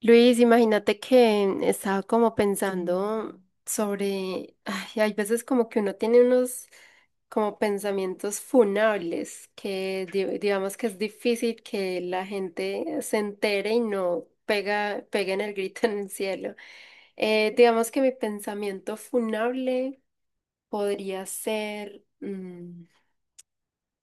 Luis, imagínate que estaba como pensando sobre, ay, hay veces como que uno tiene unos como pensamientos funables que digamos que es difícil que la gente se entere y no pegue en el grito en el cielo. Digamos que mi pensamiento funable podría ser,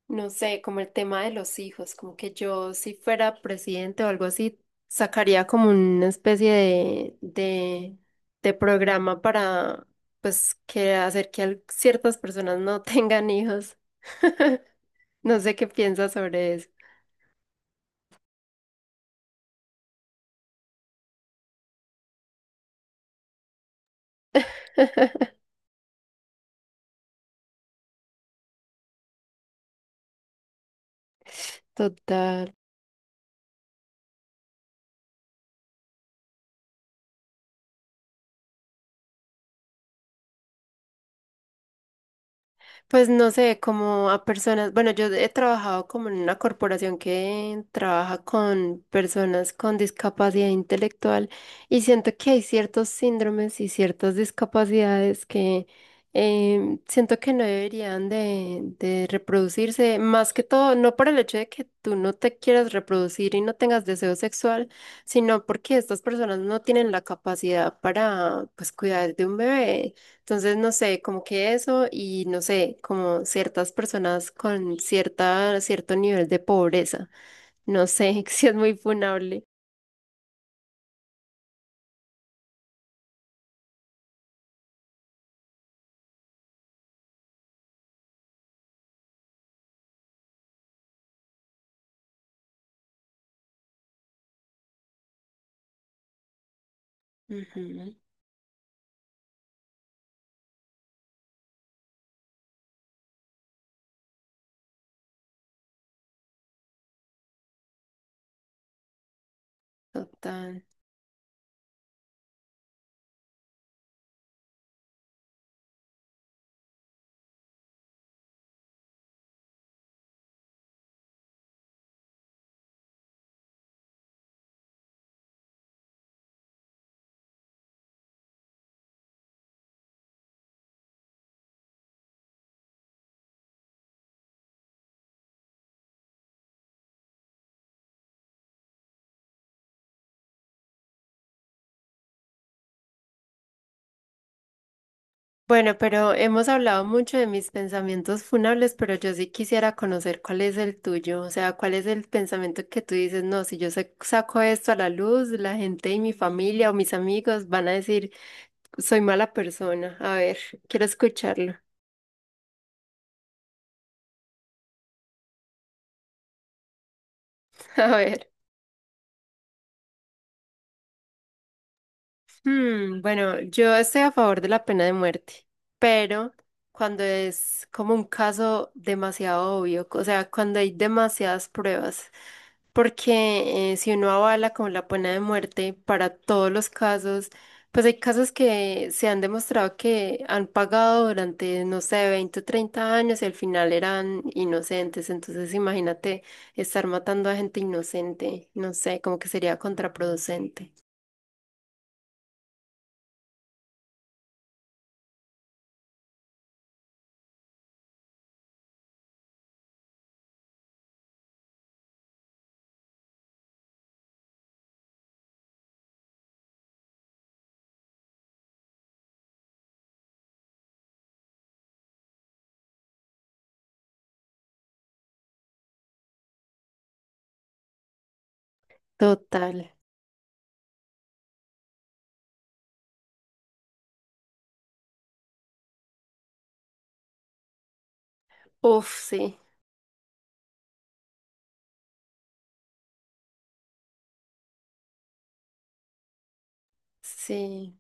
no sé, como el tema de los hijos, como que yo si fuera presidente o algo así, sacaría como una especie de programa para, pues, que hacer que ciertas personas no tengan hijos. No sé qué piensas sobre eso. Total. Pues no sé, como a personas, bueno, yo he trabajado como en una corporación que trabaja con personas con discapacidad intelectual y siento que hay ciertos síndromes y ciertas discapacidades que siento que no deberían de reproducirse, más que todo, no por el hecho de que tú no te quieras reproducir y no tengas deseo sexual, sino porque estas personas no tienen la capacidad para, pues, cuidar de un bebé. Entonces, no sé, como que eso y no sé, como ciertas personas con cierto nivel de pobreza. No sé si es muy funable. Ujú, total. Bueno, pero hemos hablado mucho de mis pensamientos funables, pero yo sí quisiera conocer cuál es el tuyo, o sea, cuál es el pensamiento que tú dices, no, si yo saco esto a la luz, la gente y mi familia o mis amigos van a decir, soy mala persona. A ver, quiero escucharlo. A ver. Hmm, bueno, yo estoy a favor de la pena de muerte, pero cuando es como un caso demasiado obvio, o sea, cuando hay demasiadas pruebas, porque si uno avala con la pena de muerte para todos los casos, pues hay casos que se han demostrado que han pagado durante, no sé, 20 o 30 años y al final eran inocentes, entonces imagínate estar matando a gente inocente, no sé, como que sería contraproducente. Total. Uf, sí, sí.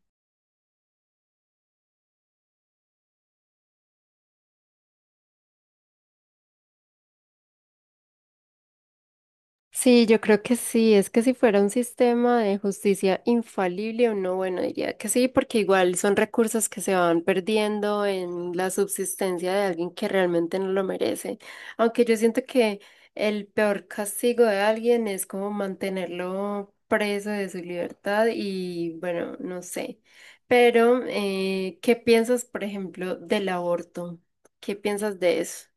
Sí, yo creo que sí. Es que si fuera un sistema de justicia infalible o no, bueno, diría que sí, porque igual son recursos que se van perdiendo en la subsistencia de alguien que realmente no lo merece. Aunque yo siento que el peor castigo de alguien es como mantenerlo preso de su libertad y bueno, no sé. Pero, ¿qué piensas, por ejemplo, del aborto? ¿Qué piensas de eso?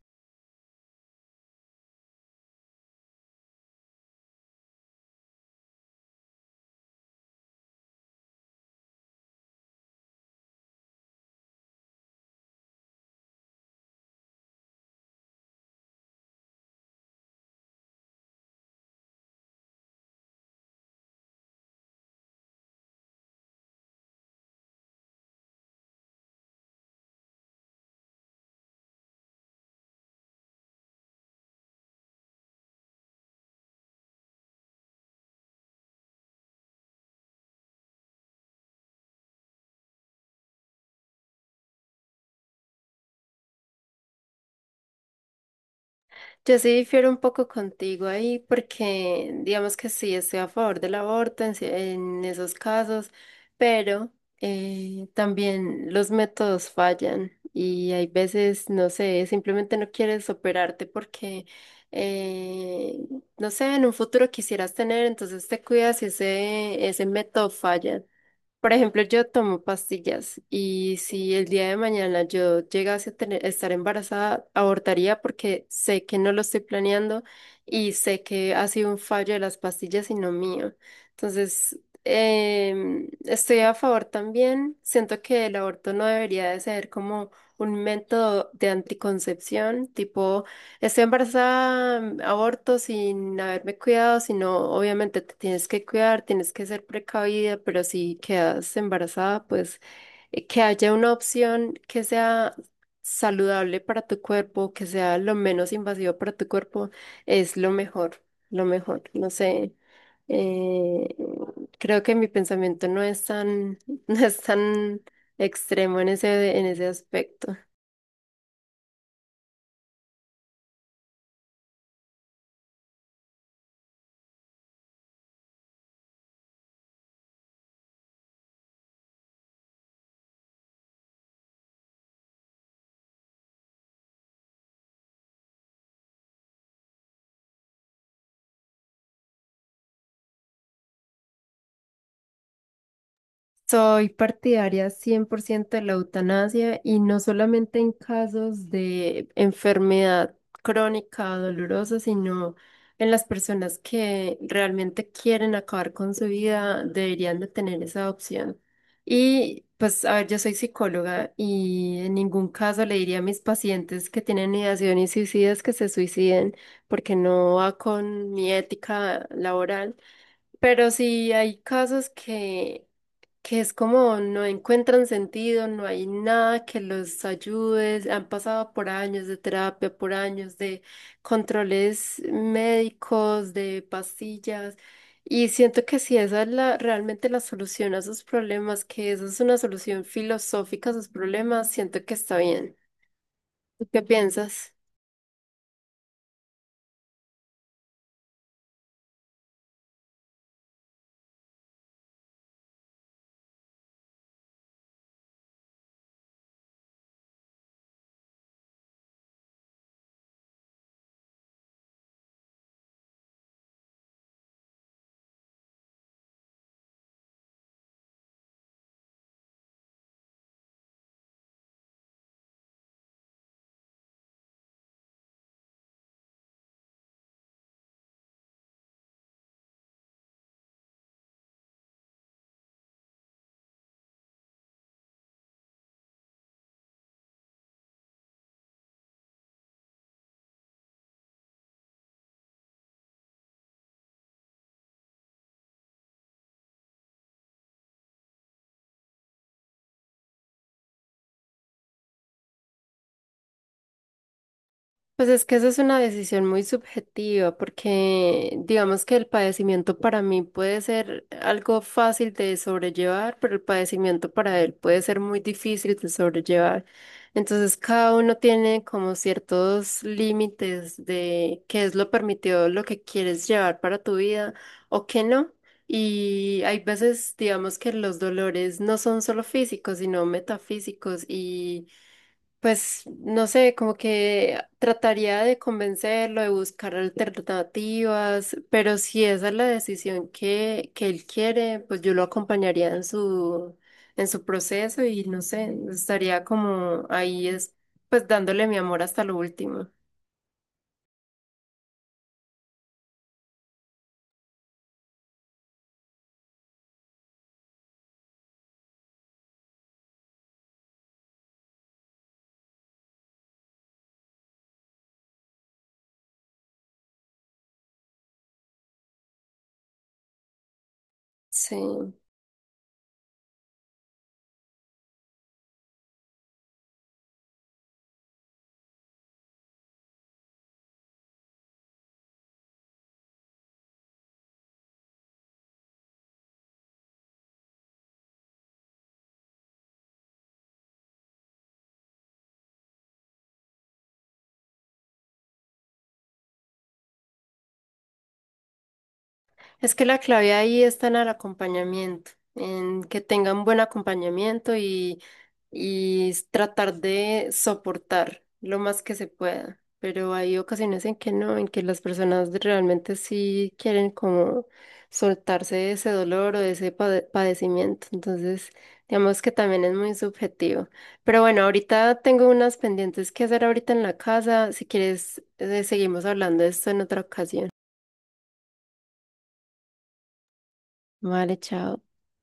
Yo sí difiero un poco contigo ahí porque digamos que sí estoy a favor del aborto en, en esos casos, pero también los métodos fallan y hay veces, no sé, simplemente no quieres operarte porque, eh, no sé, en un futuro quisieras tener, entonces te cuidas y ese método falla. Por ejemplo, yo tomo pastillas y si el día de mañana yo llegase a tener, estar embarazada, abortaría porque sé que no lo estoy planeando y sé que ha sido un fallo de las pastillas y no mío. Entonces, estoy a favor también. Siento que el aborto no debería de ser como un método de anticoncepción, tipo estoy embarazada, aborto sin haberme cuidado, sino obviamente te tienes que cuidar, tienes que ser precavida, pero si quedas embarazada, pues que haya una opción que sea saludable para tu cuerpo, que sea lo menos invasivo para tu cuerpo, es lo mejor, lo mejor. No sé, eh, creo que mi pensamiento no es tan, no es tan extremo en ese aspecto. Soy partidaria 100% de la eutanasia y no solamente en casos de enfermedad crónica dolorosa, sino en las personas que realmente quieren acabar con su vida, deberían de tener esa opción. Y pues, a ver, yo soy psicóloga y en ningún caso le diría a mis pacientes que tienen ideaciones suicidas que se suiciden porque no va con mi ética laboral. Pero sí hay casos que es como no encuentran sentido, no hay nada que los ayude, han pasado por años de terapia, por años de controles médicos, de pastillas, y siento que si esa es la, realmente la solución a sus problemas, que esa es una solución filosófica a sus problemas, siento que está bien. ¿Tú qué piensas? Pues es que esa es una decisión muy subjetiva, porque digamos que el padecimiento para mí puede ser algo fácil de sobrellevar, pero el padecimiento para él puede ser muy difícil de sobrellevar. Entonces cada uno tiene como ciertos límites de qué es lo permitido, lo que quieres llevar para tu vida o qué no. Y hay veces, digamos que los dolores no son solo físicos, sino metafísicos y pues no sé, como que trataría de convencerlo, de buscar alternativas, pero si esa es la decisión que él quiere, pues yo lo acompañaría en su proceso y no sé, estaría como ahí es, pues dándole mi amor hasta lo último. Sí. Es que la clave ahí está en el acompañamiento, en que tengan buen acompañamiento y tratar de soportar lo más que se pueda. Pero hay ocasiones en que no, en que las personas realmente sí quieren como soltarse de ese dolor o de ese padecimiento. Entonces, digamos que también es muy subjetivo. Pero bueno, ahorita tengo unas pendientes que hacer ahorita en la casa. Si quieres, seguimos hablando de esto en otra ocasión. Vale, chao.